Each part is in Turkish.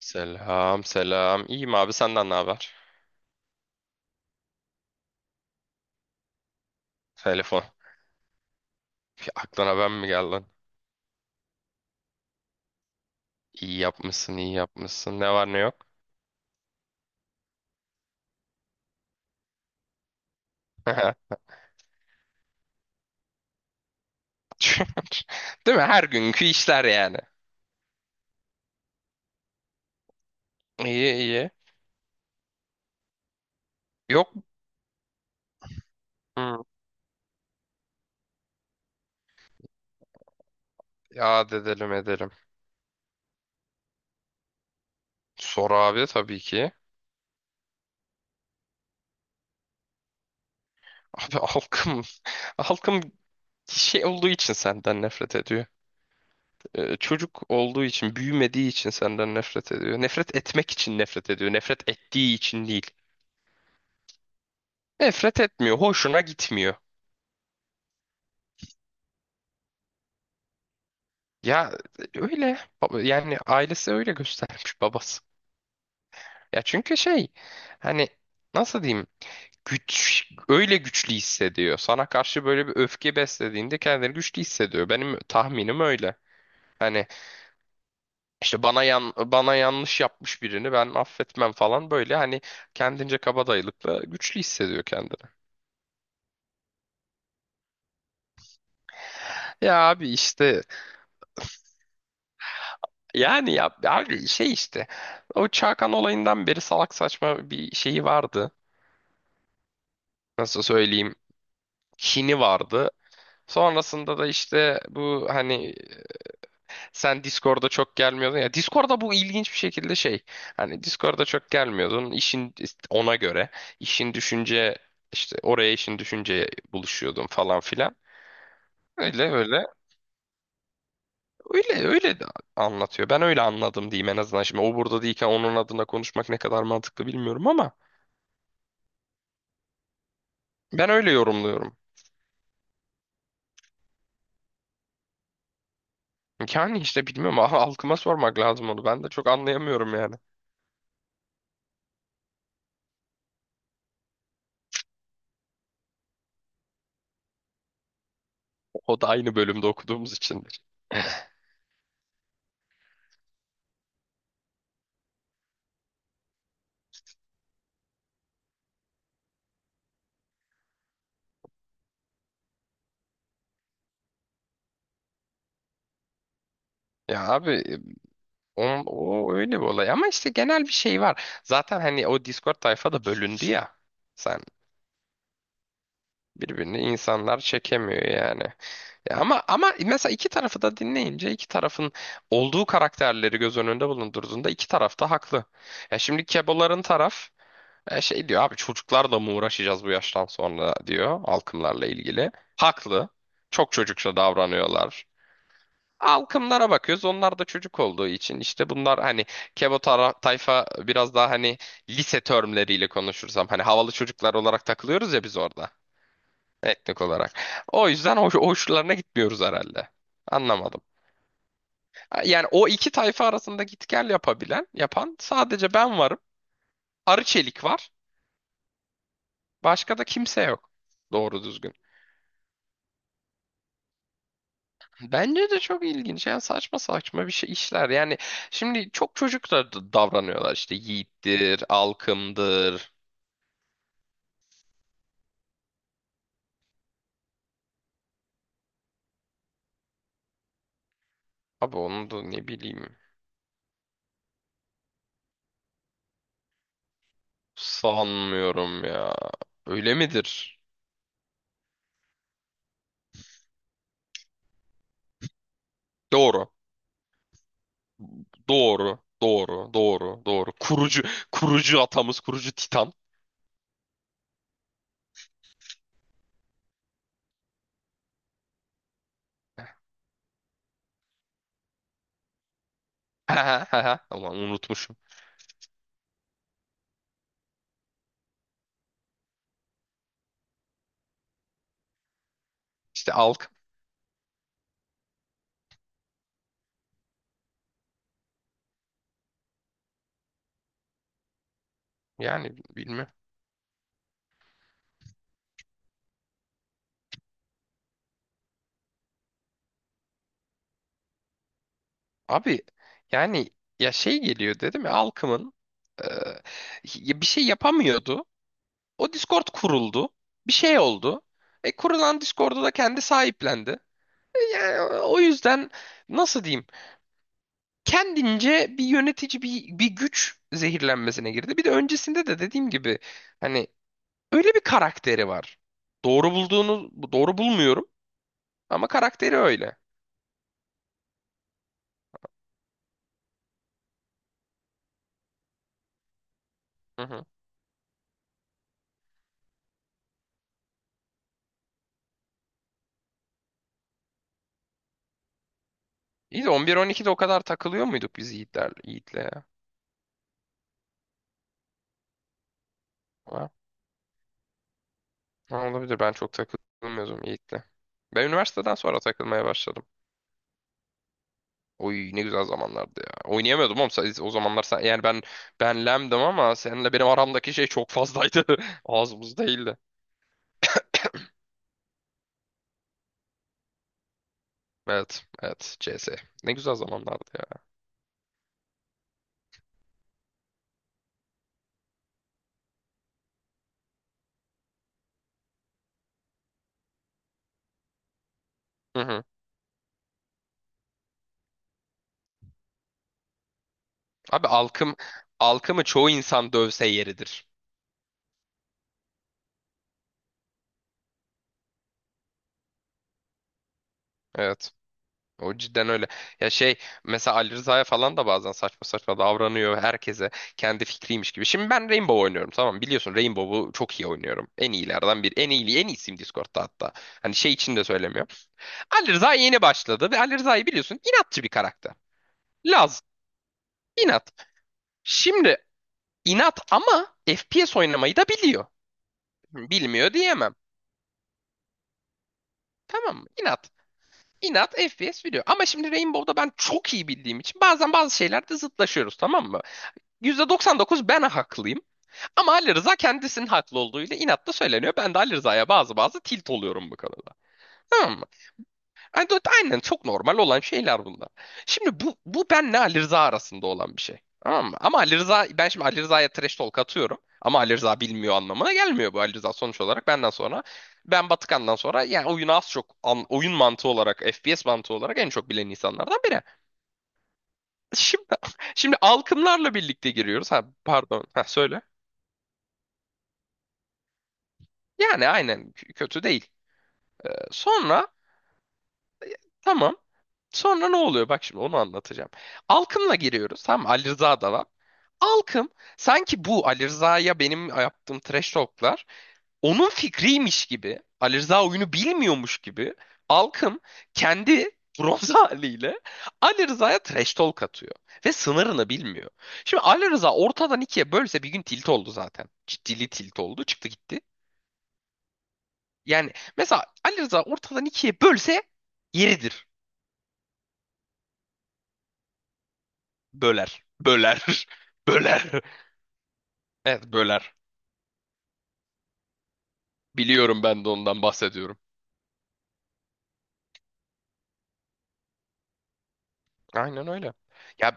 Selam selam. İyiyim abi senden ne haber? Telefon. Bir aklına ben mi geldin? İyi yapmışsın, iyi yapmışsın. Ne var ne yok? Değil mi? Her günkü işler yani. İyi iyi. Yok. Hmm. Ya edelim edelim. Sor abi tabii ki. Abi halkım, halkım şey olduğu için senden nefret ediyor. Çocuk olduğu için, büyümediği için senden nefret ediyor. Nefret etmek için nefret ediyor. Nefret ettiği için değil. Nefret etmiyor, hoşuna gitmiyor. Ya öyle yani ailesi öyle göstermiş babası. Ya çünkü şey hani nasıl diyeyim güç öyle güçlü hissediyor. Sana karşı böyle bir öfke beslediğinde kendini güçlü hissediyor. Benim tahminim öyle. Hani işte bana yanlış yapmış birini ben affetmem falan böyle hani kendince kabadayılıkla güçlü hissediyor kendini. Ya abi işte yani ya abi şey işte o Çakan olayından beri salak saçma bir şeyi vardı. Nasıl söyleyeyim? Kini vardı. Sonrasında da işte bu hani sen Discord'a çok gelmiyordun ya. Discord'a bu ilginç bir şekilde şey. Hani Discord'a çok gelmiyordun. İşin ona göre işin düşünce işte oraya işin düşünceye buluşuyordun falan filan. Öyle öyle. Öyle öyle de anlatıyor. Ben öyle anladım diyeyim en azından. Şimdi o burada değilken onun adına konuşmak ne kadar mantıklı bilmiyorum ama ben öyle yorumluyorum. Yani işte bilmiyorum halkıma sormak lazım onu. Ben de çok anlayamıyorum yani. O da aynı bölümde okuduğumuz içindir. Ya abi öyle bir olay ama işte genel bir şey var. Zaten hani o Discord tayfa da bölündü ya. Sen birbirini insanlar çekemiyor yani. Ya ama ama mesela iki tarafı da dinleyince iki tarafın olduğu karakterleri göz önünde bulundurduğunda iki taraf da haklı. Ya şimdi Keboların şey diyor abi çocuklarla mı uğraşacağız bu yaştan sonra diyor halkımlarla ilgili. Haklı. Çok çocukça davranıyorlar. Halkımlara bakıyoruz. Onlar da çocuk olduğu için işte bunlar hani Kebo tayfa biraz daha hani lise termleriyle konuşursam hani havalı çocuklar olarak takılıyoruz ya biz orada etnik olarak. O yüzden hoşlarına gitmiyoruz herhalde. Anlamadım. Yani o iki tayfa arasında git gel yapabilen, yapan sadece ben varım. Arı Çelik var. Başka da kimse yok. Doğru düzgün. Bence de çok ilginç. Yani saçma saçma bir şey işler. Yani şimdi çok çocuklar da davranıyorlar işte yiğittir, alkımdır. Abi onu da ne bileyim. Sanmıyorum ya. Öyle midir? Doğru. Doğru. Doğru. Doğru. Doğru. Kurucu kurucu atamız, kurucu Titan. Ulan unutmuşum. İşte alkım. Yani bilmem. Abi yani ya şey geliyor dedim ya alkımın e, ya bir şey yapamıyordu. O Discord kuruldu. Bir şey oldu. E, kurulan Discord'u da kendi sahiplendi. E, yani o yüzden nasıl diyeyim? Kendince bir yönetici bir güç zehirlenmesine girdi. Bir de öncesinde de dediğim gibi hani öyle bir karakteri var. Doğru bulduğunu doğru bulmuyorum ama karakteri öyle. Hı hı. İyi de 11-12'de o kadar takılıyor muyduk biz Yiğitler, Yiğit'le ya? Ha, ha, olabilir ben çok takılmıyordum Yiğit'le. Ben üniversiteden sonra takılmaya başladım. Oy ne güzel zamanlardı ya. Oynayamıyordum oğlum. O zamanlar sen, yani ben lemdim ama seninle benim aramdaki şey çok fazlaydı. Ağzımız değildi. Evet, evet CS. Ne güzel zamanlardı ya. Hı hı. Abi alkımı çoğu insan dövse yeridir. Evet. O cidden öyle. Ya şey mesela Ali Rıza'ya falan da bazen saçma saçma davranıyor herkese kendi fikriymiş gibi. Şimdi ben Rainbow oynuyorum tamam mı? Biliyorsun Rainbow'u çok iyi oynuyorum. En iyilerden biri. En iyi en iyisiyim Discord'da hatta. Hani şey için de söylemiyorum. Ali Rıza yeni başladı ve Ali Rıza'yı biliyorsun inatçı bir karakter. Laz, inat. Şimdi inat ama FPS oynamayı da biliyor. Bilmiyor diyemem. Tamam mı? İnat. İnat FPS biliyor. Ama şimdi Rainbow'da ben çok iyi bildiğim için bazen bazı şeylerde zıtlaşıyoruz tamam mı? %99 ben haklıyım. Ama Ali Rıza kendisinin haklı olduğuyla inatla söyleniyor. Ben de Ali Rıza'ya bazı bazı tilt oluyorum bu konuda. Tamam mı? Yani aynen çok normal olan şeyler bunlar. Şimdi bu benle Ali Rıza arasında olan bir şey. Tamam mı? Ama Ali Rıza, ben şimdi Ali Rıza'ya trash talk atıyorum. Ama Ali Rıza bilmiyor anlamına gelmiyor bu Ali Rıza sonuç olarak. Benden sonra, ben Batıkan'dan sonra yani oyunu az çok, oyun mantığı olarak, FPS mantığı olarak en çok bilen insanlardan biri. Şimdi, şimdi alkımlarla birlikte giriyoruz. Ha, pardon, ha, söyle. Yani aynen kötü değil. Sonra tamam. Sonra ne oluyor? Bak şimdi onu anlatacağım. Alkım'la giriyoruz. Tamam mı? Ali Rıza da var. Alkım sanki bu Ali Rıza'ya benim yaptığım trash talk'lar onun fikriymiş gibi. Ali Rıza oyunu bilmiyormuş gibi. Alkım kendi bronz haliyle Ali Rıza'ya trash talk atıyor. Ve sınırını bilmiyor. Şimdi Ali Rıza ortadan ikiye bölse bir gün tilt oldu zaten. Ciddili tilt oldu. Çıktı gitti. Yani mesela Ali Rıza ortadan ikiye bölse yeridir. Böler. Böler. Böler. Evet böler. Biliyorum ben de ondan bahsediyorum. Aynen öyle. Ya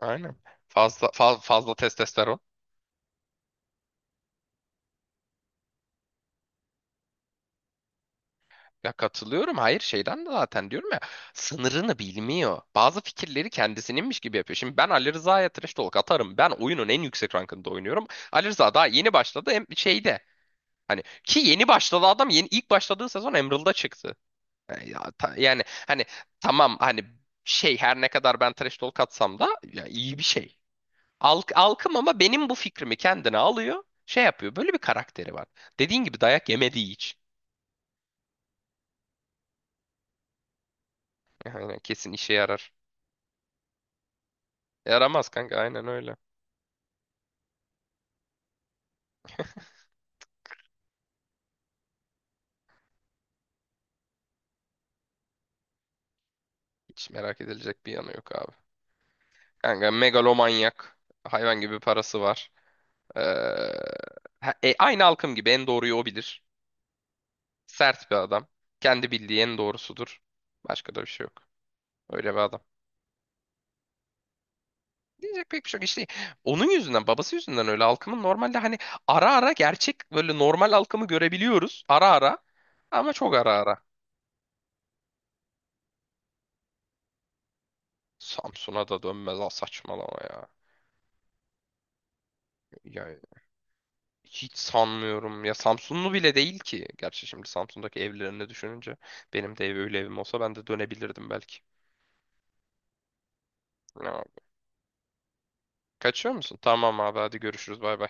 aynen. Fazla fazla, fazla testosteron. Ya katılıyorum. Hayır şeyden de zaten diyorum ya sınırını bilmiyor. Bazı fikirleri kendisininmiş gibi yapıyor. Şimdi ben Ali Rıza'ya trash talk atarım. Ben oyunun en yüksek rankında oynuyorum. Ali Rıza daha yeni başladı hem şeyde. Hani ki yeni başladı adam yeni ilk başladığı sezon Emerald'da çıktı. Ya, yani hani tamam hani şey her ne kadar ben trash talk atsam da ya, iyi bir şey. Alkım ama benim bu fikrimi kendine alıyor. Şey yapıyor. Böyle bir karakteri var. Dediğin gibi dayak yemediği hiç. Aynen kesin işe yarar. Yaramaz kanka aynen öyle. Hiç merak edilecek bir yanı yok abi. Kanka megalomanyak. Hayvan gibi parası var. Ee, aynı halkım gibi en doğruyu o bilir. Sert bir adam. Kendi bildiği en doğrusudur. Başka da bir şey yok. Öyle bir adam. Diyecek pek bir şey yok. İşte onun yüzünden, babası yüzünden öyle halkımın normalde hani ara ara gerçek böyle normal halkımı görebiliyoruz. Ara ara ama çok ara ara. Samsun'a da dönmez ha saçmalama ya. Ya hiç sanmıyorum. Ya Samsunlu bile değil ki. Gerçi şimdi Samsun'daki evlerini düşününce benim de ev öyle evim olsa ben de dönebilirdim belki. Ya, kaçıyor musun? Tamam abi hadi görüşürüz bay bay.